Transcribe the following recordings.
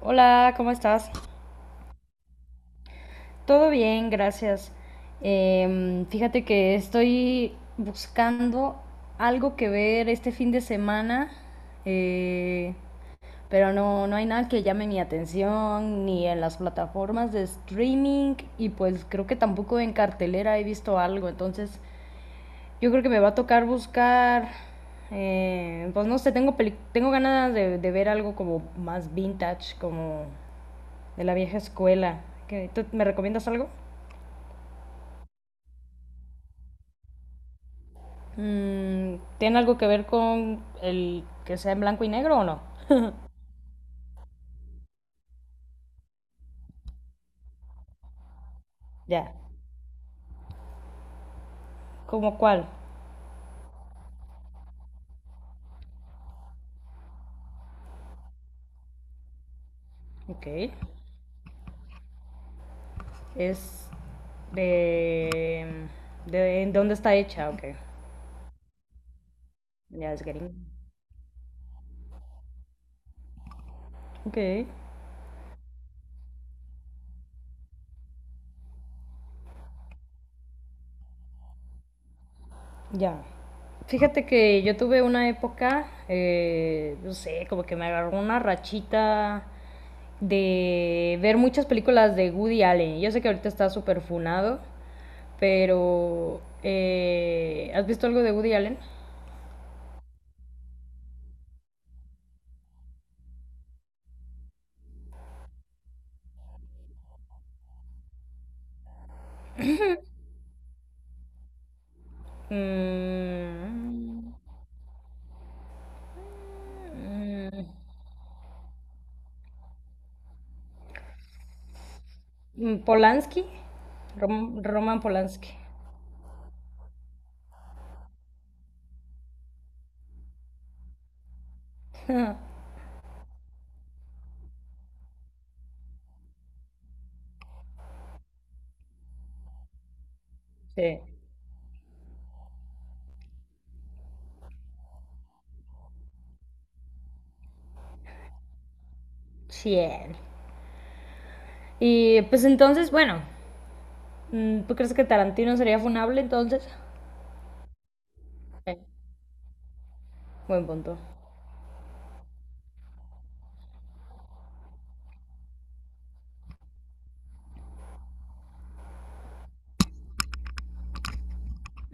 Hola, ¿cómo estás? Todo bien, gracias. Fíjate que estoy buscando algo que ver este fin de semana, eh, pero no, no hay nada que llame mi atención, ni en las plataformas de streaming, y pues creo que tampoco en cartelera he visto algo, entonces yo creo que me va a tocar buscar, pues no sé, tengo ganas de ver algo como más vintage, como de la vieja escuela. ¿Me recomiendas algo? ¿Tiene algo que ver con el que sea en blanco y negro o no? Ya. ¿Cómo cuál? Ok. Es de... de ¿en dónde está hecha? Ok. Ya es gringo. Ok, ya. Fíjate que yo tuve una época, no sé, como que me agarró una rachita de ver muchas películas de Woody Allen. Yo sé que ahorita está súper funado, pero, ¿has visto algo de Woody Allen? Mm, Polanski. Roman Polanski. Sí, sí. Él. Y pues entonces, bueno, ¿tú crees que Tarantino sería funable entonces? Sí, buen punto.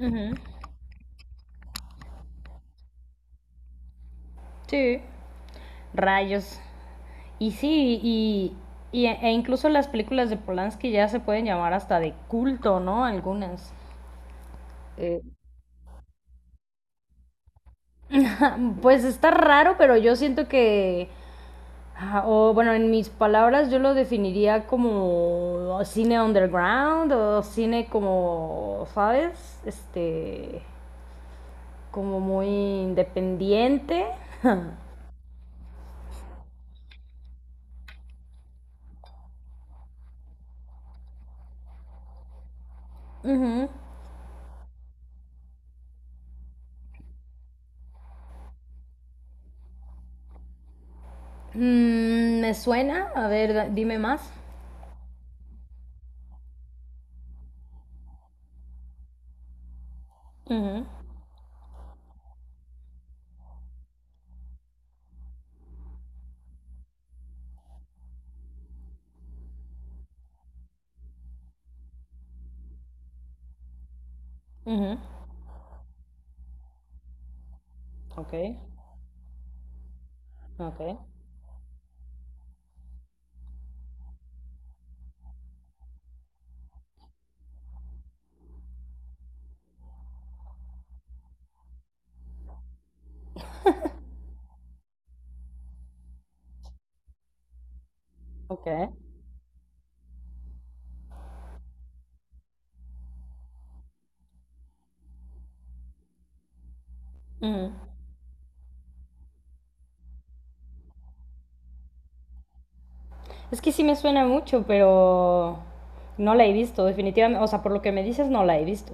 Ujú. Sí, rayos. Y sí, e incluso las películas de Polanski ya se pueden llamar hasta de culto, ¿no? Algunas. Pues está raro, pero yo siento que, o bueno, en mis palabras yo lo definiría como cine underground o cine como, ¿sabes? Este, como muy independiente. Ujú. Me suena, a ver, dime más. Ujú, ujú. Ok, ok, ok. Ujú. Es que sí me suena mucho, pero no la he visto, definitivamente. O sea, por lo que me dices, no la he visto.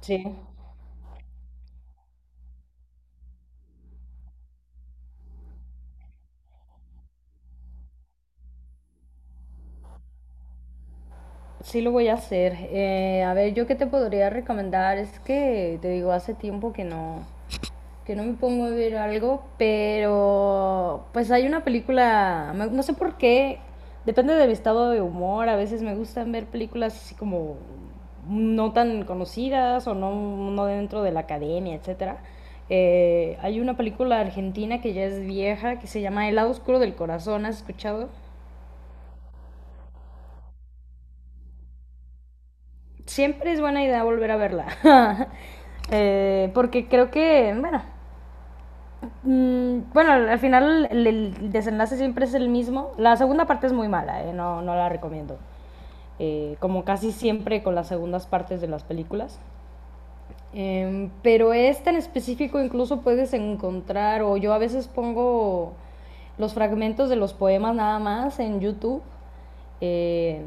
Sí, sí lo voy a hacer. A ver, yo qué te podría recomendar es que te digo, hace tiempo que no me pongo a ver algo, pero pues hay una película, no sé por qué, depende de mi estado de humor, a veces me gustan ver películas así como no tan conocidas o no, no dentro de la academia, etcétera. Hay una película argentina que ya es vieja, que se llama El lado oscuro del corazón, ¿has escuchado? Siempre es buena idea volver a verla. Porque creo que, bueno, bueno, al final el desenlace siempre es el mismo. La segunda parte es muy mala, no, no la recomiendo. Como casi siempre con las segundas partes de las películas. Pero esta en específico incluso puedes encontrar, o yo a veces pongo los fragmentos de los poemas nada más en YouTube. Eh,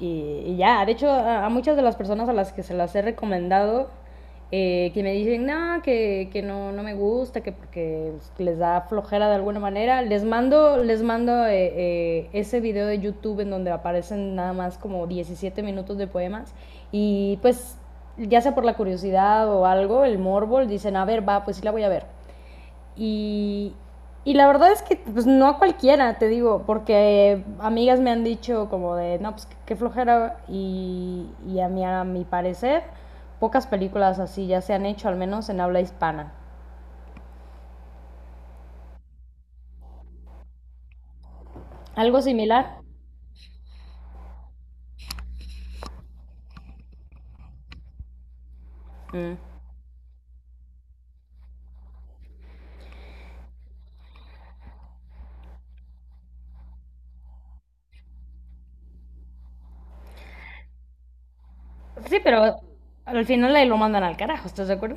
y ya, de hecho, a muchas de las personas a las que se las he recomendado, que me dicen, no, que no, no, me gusta, que porque les da flojera de alguna manera, les mando ese video de YouTube en donde aparecen nada más como 17 minutos de poemas. Y pues, ya sea por la curiosidad o algo, el morbo, dicen, a ver, va, pues sí la voy a ver. Y, y la verdad es que pues no a cualquiera, te digo, porque amigas me han dicho como de, no, pues qué flojera y a mí, a mi parecer, pocas películas así ya se han hecho, al menos en habla hispana. ¿Algo similar? Mm. Sí, pero al final ahí lo mandan al carajo, ¿estás de acuerdo?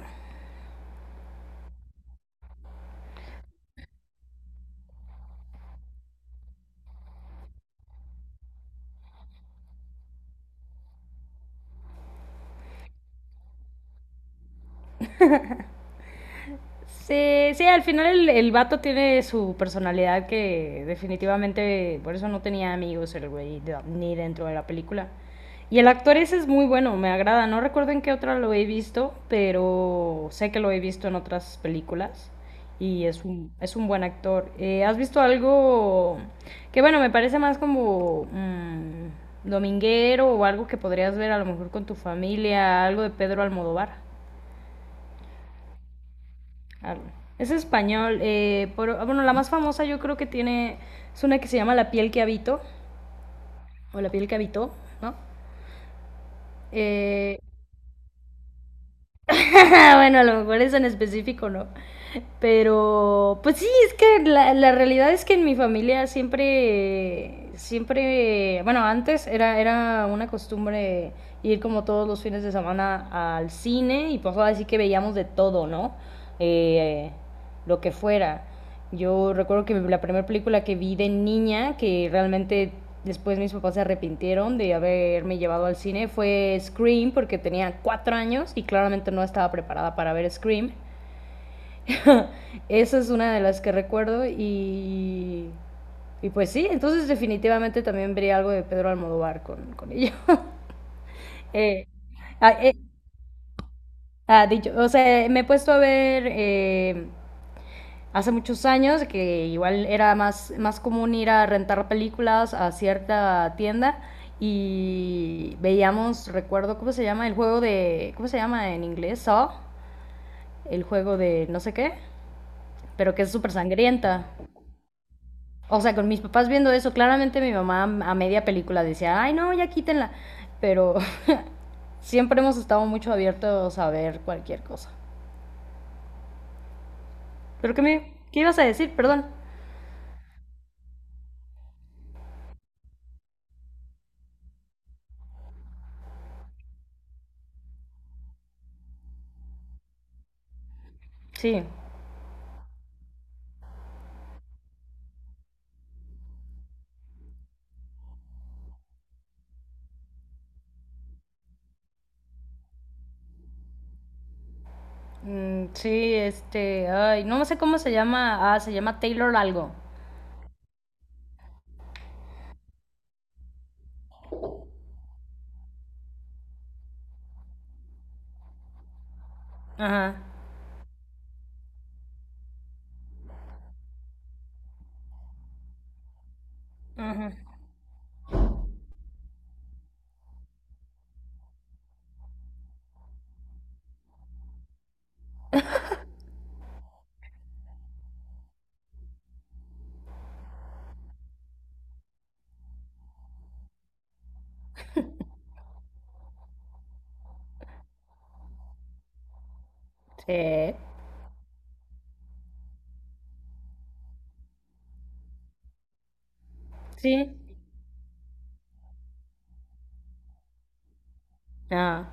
Sí, sí, al final el vato tiene su personalidad que definitivamente por eso no tenía amigos el güey ni dentro de la película. Y el actor ese es muy bueno, me agrada. No recuerdo en qué otra lo he visto, pero sé que lo he visto en otras películas y es un buen actor. ¿Has visto algo que, bueno, me parece más como dominguero o algo que podrías ver a lo mejor con tu familia, algo de Pedro Almodóvar? Jalo. Es español. Bueno, la más famosa yo creo que tiene. Es una que se llama La piel que habito. O La piel que habitó, ¿no? Eh, bueno, a lo mejor es en específico, ¿no? Pero pues sí, es que la realidad es que en mi familia siempre. Siempre. Bueno, antes era una costumbre ir como todos los fines de semana al cine y pues ahora sí que veíamos de todo, ¿no? Eh, lo que fuera. Yo recuerdo que la primera película que vi de niña, que realmente después mis papás se arrepintieron de haberme llevado al cine, fue Scream, porque tenía 4 años y claramente no estaba preparada para ver Scream. Esa es una de las que recuerdo y pues sí, entonces definitivamente también vería algo de Pedro Almodóvar con ello. Eh, ah, eh, dicho, o sea, me he puesto a ver hace muchos años, que igual era más común ir a rentar películas a cierta tienda y veíamos, recuerdo, ¿cómo se llama? El juego de, ¿cómo se llama en inglés? Saw, el juego de no sé qué, pero que es súper sangrienta. O sea, con mis papás viendo eso, claramente mi mamá a media película decía, ay no, ya quítenla, pero siempre hemos estado mucho abiertos a ver cualquier cosa. Pero ¿qué ibas a decir? Perdón. Sí. Sí, este, ay, no sé cómo se llama. Ah, se llama Taylor algo. Ajá. Ajá. Sí. Sí. Ah,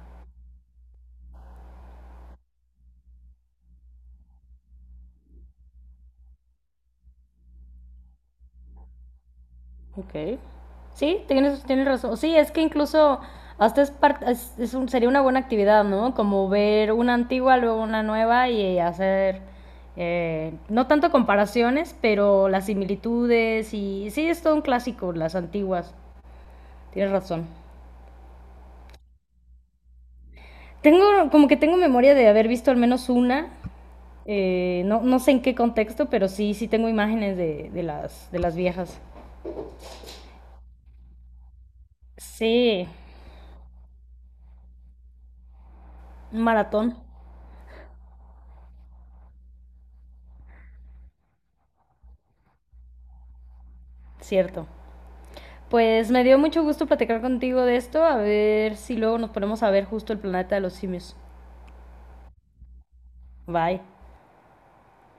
ok. Sí, tienes razón. Sí, es que incluso hasta es, par- es un- sería una buena actividad, ¿no? Como ver una antigua, luego una nueva y hacer, no tanto comparaciones, pero las similitudes y sí, es todo un clásico, las antiguas. Tienes razón. Como que tengo memoria de haber visto al menos una. No, no sé en qué contexto, pero sí, sí tengo imágenes de las viejas. Sí, un maratón, cierto. Pues me dio mucho gusto platicar contigo de esto, a ver si luego nos ponemos a ver justo el Planeta de los Simios. Bye.